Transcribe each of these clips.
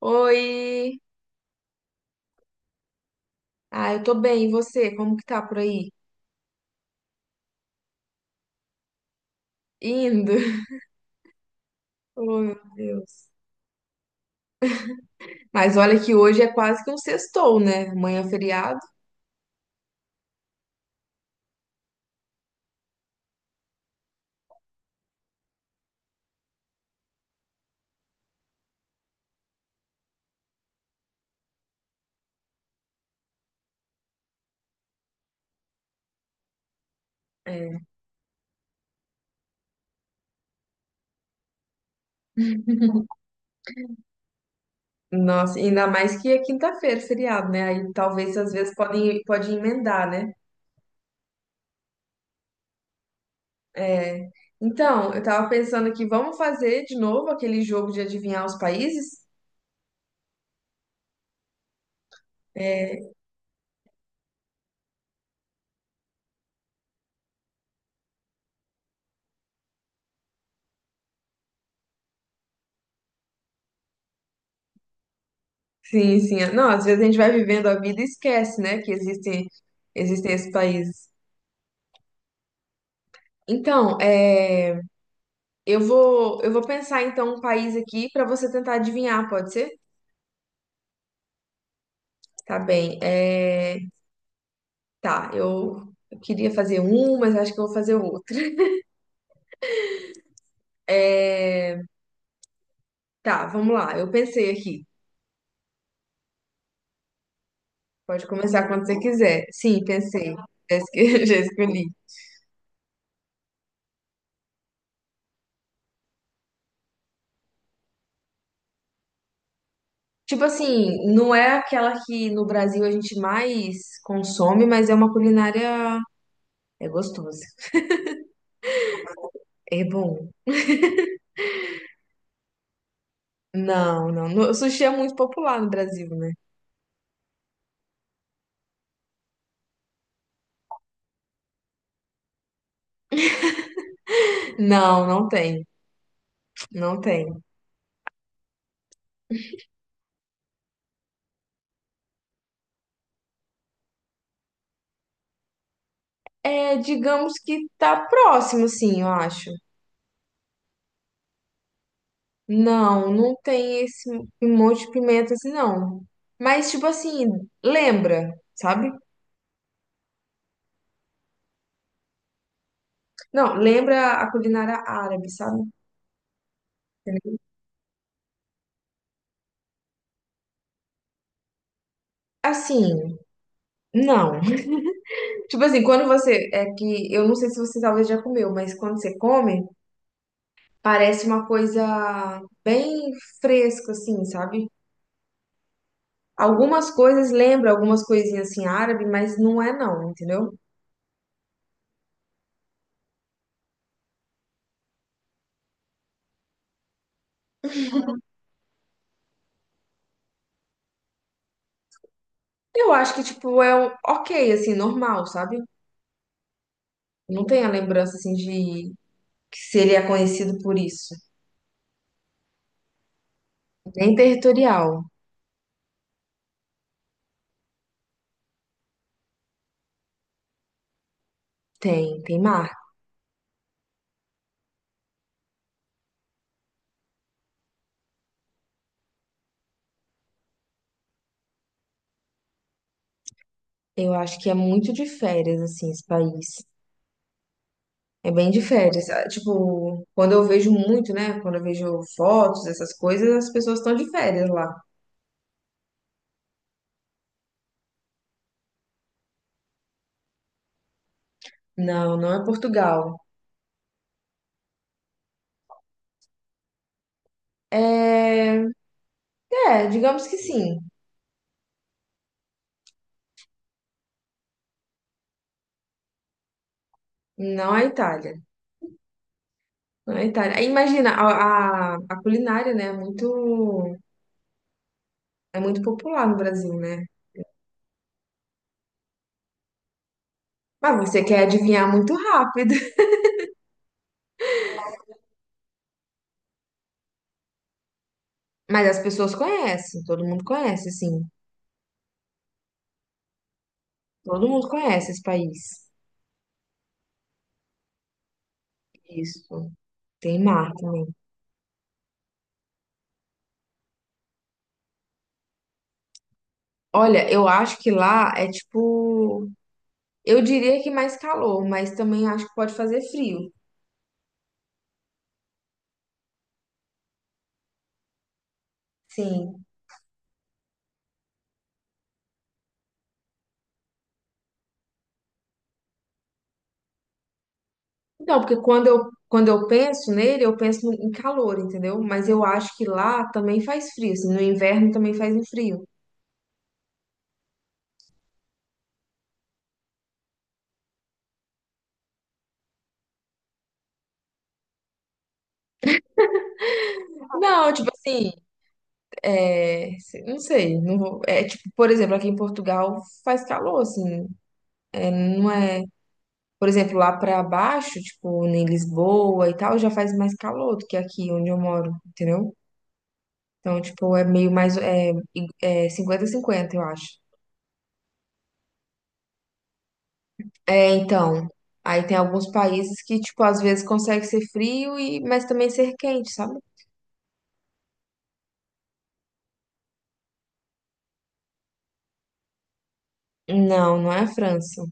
Oi! Ah, eu tô bem, e você? Como que tá por aí? Indo? Oh, meu Deus. Mas olha que hoje é quase que um sextou, né? Amanhã é feriado. É. Nossa, ainda mais que é quinta-feira, feriado, né? Aí talvez às vezes podem, pode emendar, né? É. Então, eu tava pensando aqui, vamos fazer de novo aquele jogo de adivinhar os países? É. Sim, sim. Não, às vezes a gente vai vivendo a vida e esquece, né? Que existem esses países. Então, é. Eu vou pensar então um país aqui para você tentar adivinhar, pode ser? Tá bem. É, tá, eu queria fazer um, mas acho que eu vou fazer outro. É, tá, vamos lá. Eu pensei aqui. Pode começar quando você quiser. Sim, pensei. Já esque- Já escolhi. Tipo assim, não é aquela que no Brasil a gente mais consome, mas é uma culinária. É gostosa. É bom. Não, não. O sushi é muito popular no Brasil, né? Não, não tem. Não tem. É, digamos que tá próximo, assim, eu acho. Não, não tem esse um monte de pimenta assim, não. Mas, tipo assim, lembra, sabe? Não, lembra a culinária árabe, sabe? Assim, não. Tipo assim, quando você. É que eu não sei se você talvez já comeu, mas quando você come, parece uma coisa bem fresca, assim, sabe? Algumas coisas lembram algumas coisinhas assim árabe, mas não é, não, entendeu? Eu acho que, tipo, ok, assim, normal, sabe? Não tem a lembrança, assim, de que se ele é conhecido por isso. Nem territorial. Tem mar. Eu acho que é muito de férias, assim, esse país. É bem de férias. Ah, tipo, quando eu vejo muito, né? Quando eu vejo fotos, essas coisas, as pessoas estão de férias lá. Não, não é Portugal. É, é, digamos que sim. Não é Itália. Não é Itália. Aí, imagina, a culinária, né? É muito. É muito popular no Brasil, né? Mas você quer adivinhar muito rápido. Mas as pessoas conhecem, todo mundo conhece, sim. Todo mundo conhece esse país. Isso. Tem mar também. Olha, eu acho que lá é tipo. Eu diria que mais calor, mas também acho que pode fazer frio. Sim. Não, porque quando eu penso nele, eu penso em calor, entendeu? Mas eu acho que lá também faz frio, assim. No inverno também faz um frio. Não, tipo assim. É, não sei, não vou- é tipo, por exemplo, aqui em Portugal faz calor, assim, é, não é, por exemplo, lá pra baixo, tipo, em Lisboa e tal, já faz mais calor do que aqui onde eu moro, entendeu? Então, tipo, é meio mais, é, é 50-50, eu acho. É, então, aí tem alguns países que, tipo, às vezes consegue ser frio e, mas também ser quente, sabe? Não, não é a França.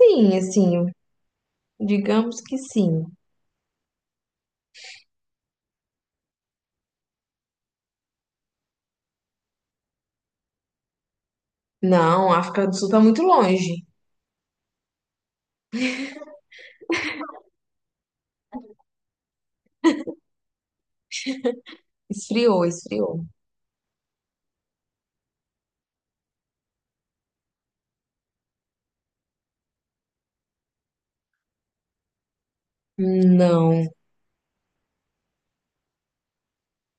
Sim, assim, digamos que sim. Não, a África do Sul tá muito longe. Esfriou, esfriou. Não.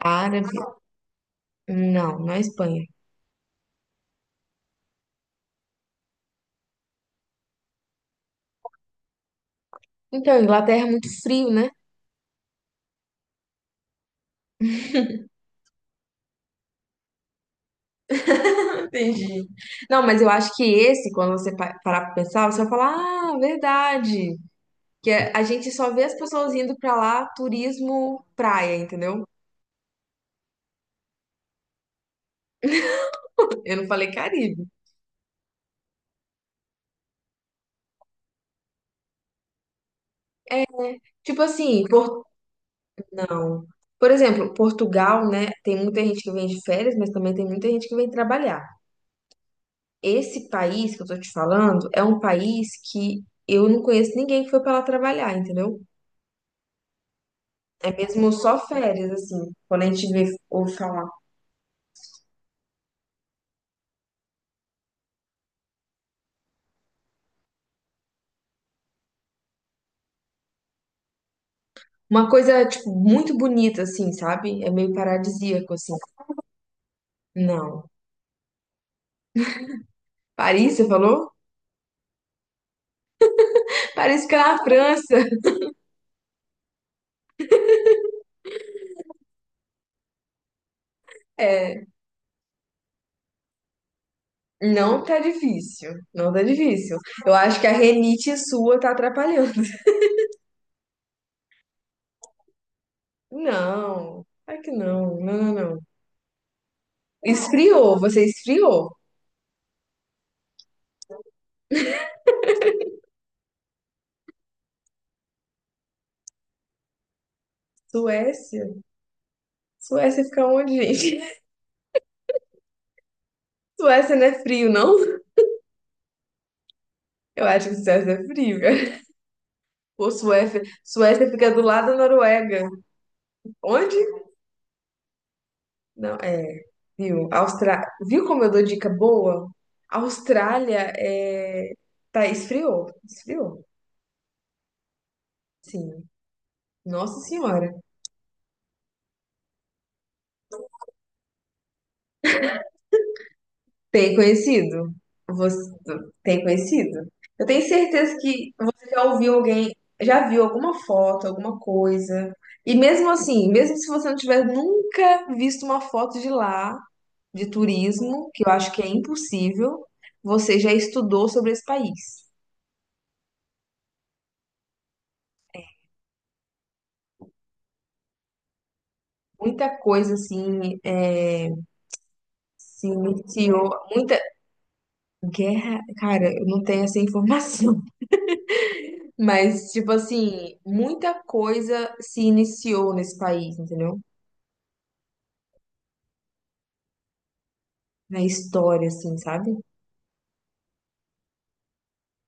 Árabe? Não, não é Espanha. Então, Inglaterra é muito frio, né? Entendi. Não, mas eu acho que esse, quando você parar pra pensar, você vai falar, ah, verdade. A gente só vê as pessoas indo pra lá, turismo praia, entendeu? Eu não falei Caribe. Tipo assim, não. Por exemplo, Portugal, né? Tem muita gente que vem de férias, mas também tem muita gente que vem trabalhar. Esse país que eu tô te falando é um país que eu não conheço ninguém que foi pra lá trabalhar, entendeu? É mesmo só férias, assim, quando a gente vê ou falar. Uma coisa, tipo, muito bonita, assim, sabe? É meio paradisíaco, assim. Não. Paris, você falou? Paris fica na França. É, não tá difícil. Não tá difícil. Eu acho que a renite sua tá atrapalhando. Não. Claro que não. Não, não, não. Esfriou, você esfriou. Suécia? Suécia fica onde, gente? Suécia não é frio, não? Eu acho que Suécia é frio, cara. Pô, Suécia, Suécia fica do lado da Noruega. Onde? Não, é. Viu? Viu como eu dou dica boa? Austrália é... tá esfriou, esfriou. Sim. Nossa Senhora. Tem conhecido? Você tem conhecido? Eu tenho certeza que você já ouviu alguém, já viu alguma foto, alguma coisa. E mesmo assim, mesmo se você não tiver nunca visto uma foto de lá, de turismo, que eu acho que é impossível, você já estudou sobre esse país. Muita coisa assim é, se iniciou, muita guerra, cara, eu não tenho essa informação, mas tipo assim, muita coisa se iniciou nesse país, entendeu? Na história, assim, sabe?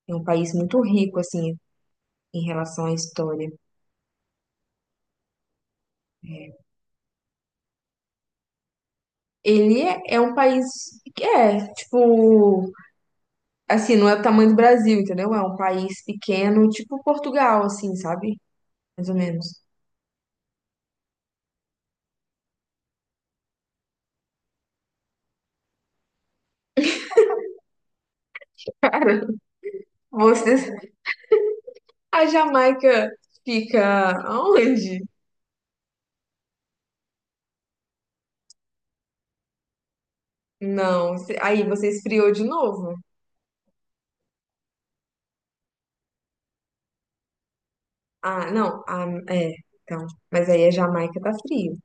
É um país muito rico, assim, em relação à história. É. Ele é um país que é, tipo, assim, não é o tamanho do Brasil, entendeu? É um país pequeno, tipo Portugal, assim, sabe? Mais ou menos. Cara, você. A Jamaica fica aonde? Não, aí você esfriou de novo? Ah, não, ah, é, então, mas aí a Jamaica tá frio.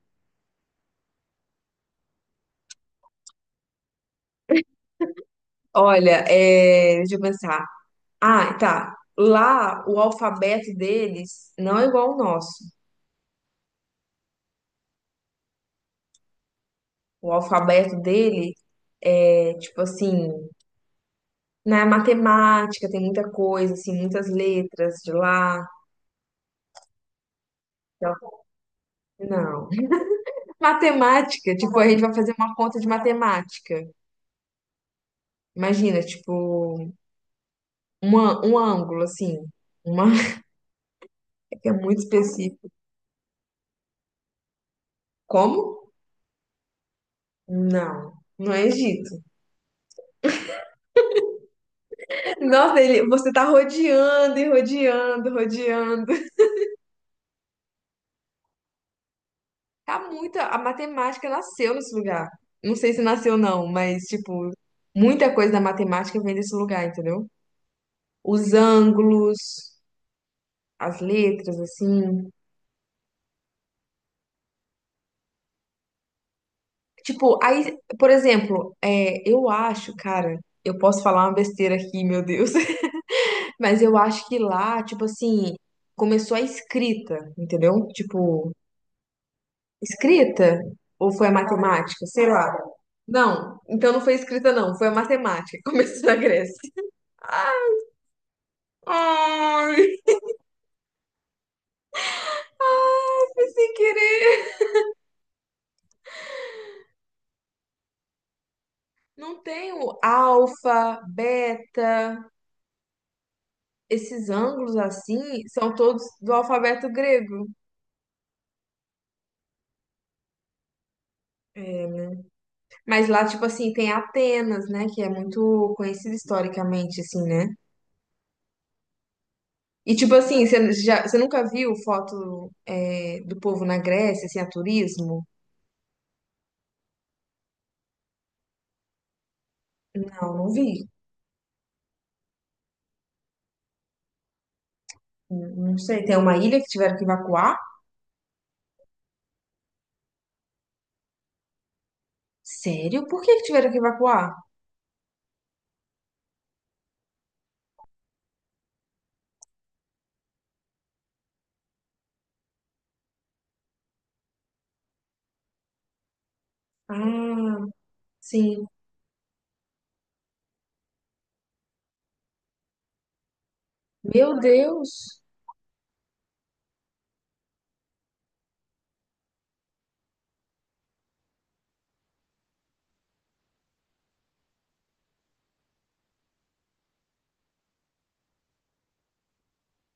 Olha, é, deixa eu pensar. Ah, tá. Lá o alfabeto deles não é igual ao nosso. O alfabeto dele é tipo assim, na matemática tem muita coisa, assim, muitas letras de lá. Então, não. Matemática, tipo, a gente vai fazer uma conta de matemática. Imagina, tipo. Uma, um ângulo, assim, uma que é muito específico. Como? Não, não é Egito. Nossa, você tá rodeando e rodeando, rodeando. Tá muito, a matemática nasceu nesse lugar. Não sei se nasceu não, mas, tipo, muita coisa da matemática vem desse lugar, entendeu? Os ângulos, as letras, assim. Tipo, aí, por exemplo, é, eu acho, cara, eu posso falar uma besteira aqui, meu Deus. Mas eu acho que lá, tipo assim, começou a escrita, entendeu? Tipo, escrita? Ou foi a matemática? Sei lá. Não, então não foi escrita, não. Foi a matemática. Começou na Grécia. Ai, ai, foi sem querer. Não tem o alfa, beta. Esses ângulos assim são todos do alfabeto grego. É, né? Mas lá, tipo assim, tem Atenas, né? Que é muito conhecida historicamente, assim, né? E tipo assim, você nunca viu foto é, do povo na Grécia, assim, a turismo? Não, não vi. Não não sei. Tem uma ilha que tiveram que evacuar? Sério? Por que que tiveram que evacuar? Ah, sim. Meu Deus!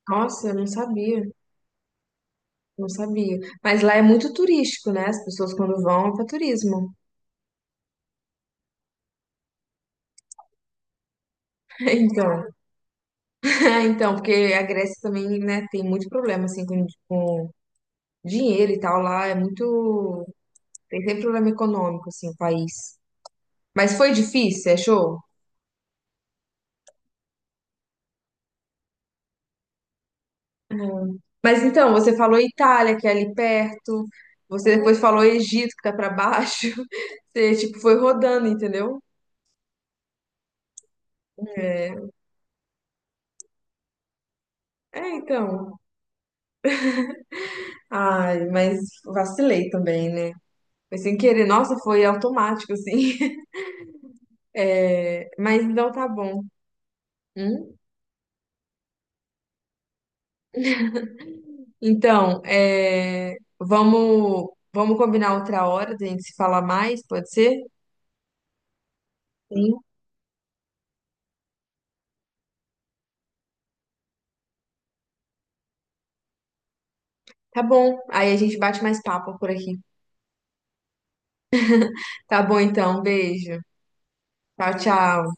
Nossa, eu não sabia. Não sabia. Mas lá é muito turístico, né? As pessoas quando vão é para turismo. Então, então, porque a Grécia também, né, tem muito problema assim com dinheiro e tal lá, é muito, tem sempre problema econômico assim, o país. Mas foi difícil, você achou? Mas então, você falou Itália, que é ali perto. Você depois falou Egito, que tá pra baixo. Você, tipo, foi rodando, entendeu? É, É, então. Ai, mas vacilei também, né? Foi sem querer. Nossa, foi automático, assim. É, mas então tá bom. Hum? Então, é, vamos combinar outra hora da gente se falar mais, pode ser? Sim. Tá bom. Aí a gente bate mais papo por aqui. Tá bom, então. Beijo. Tchau, tchau.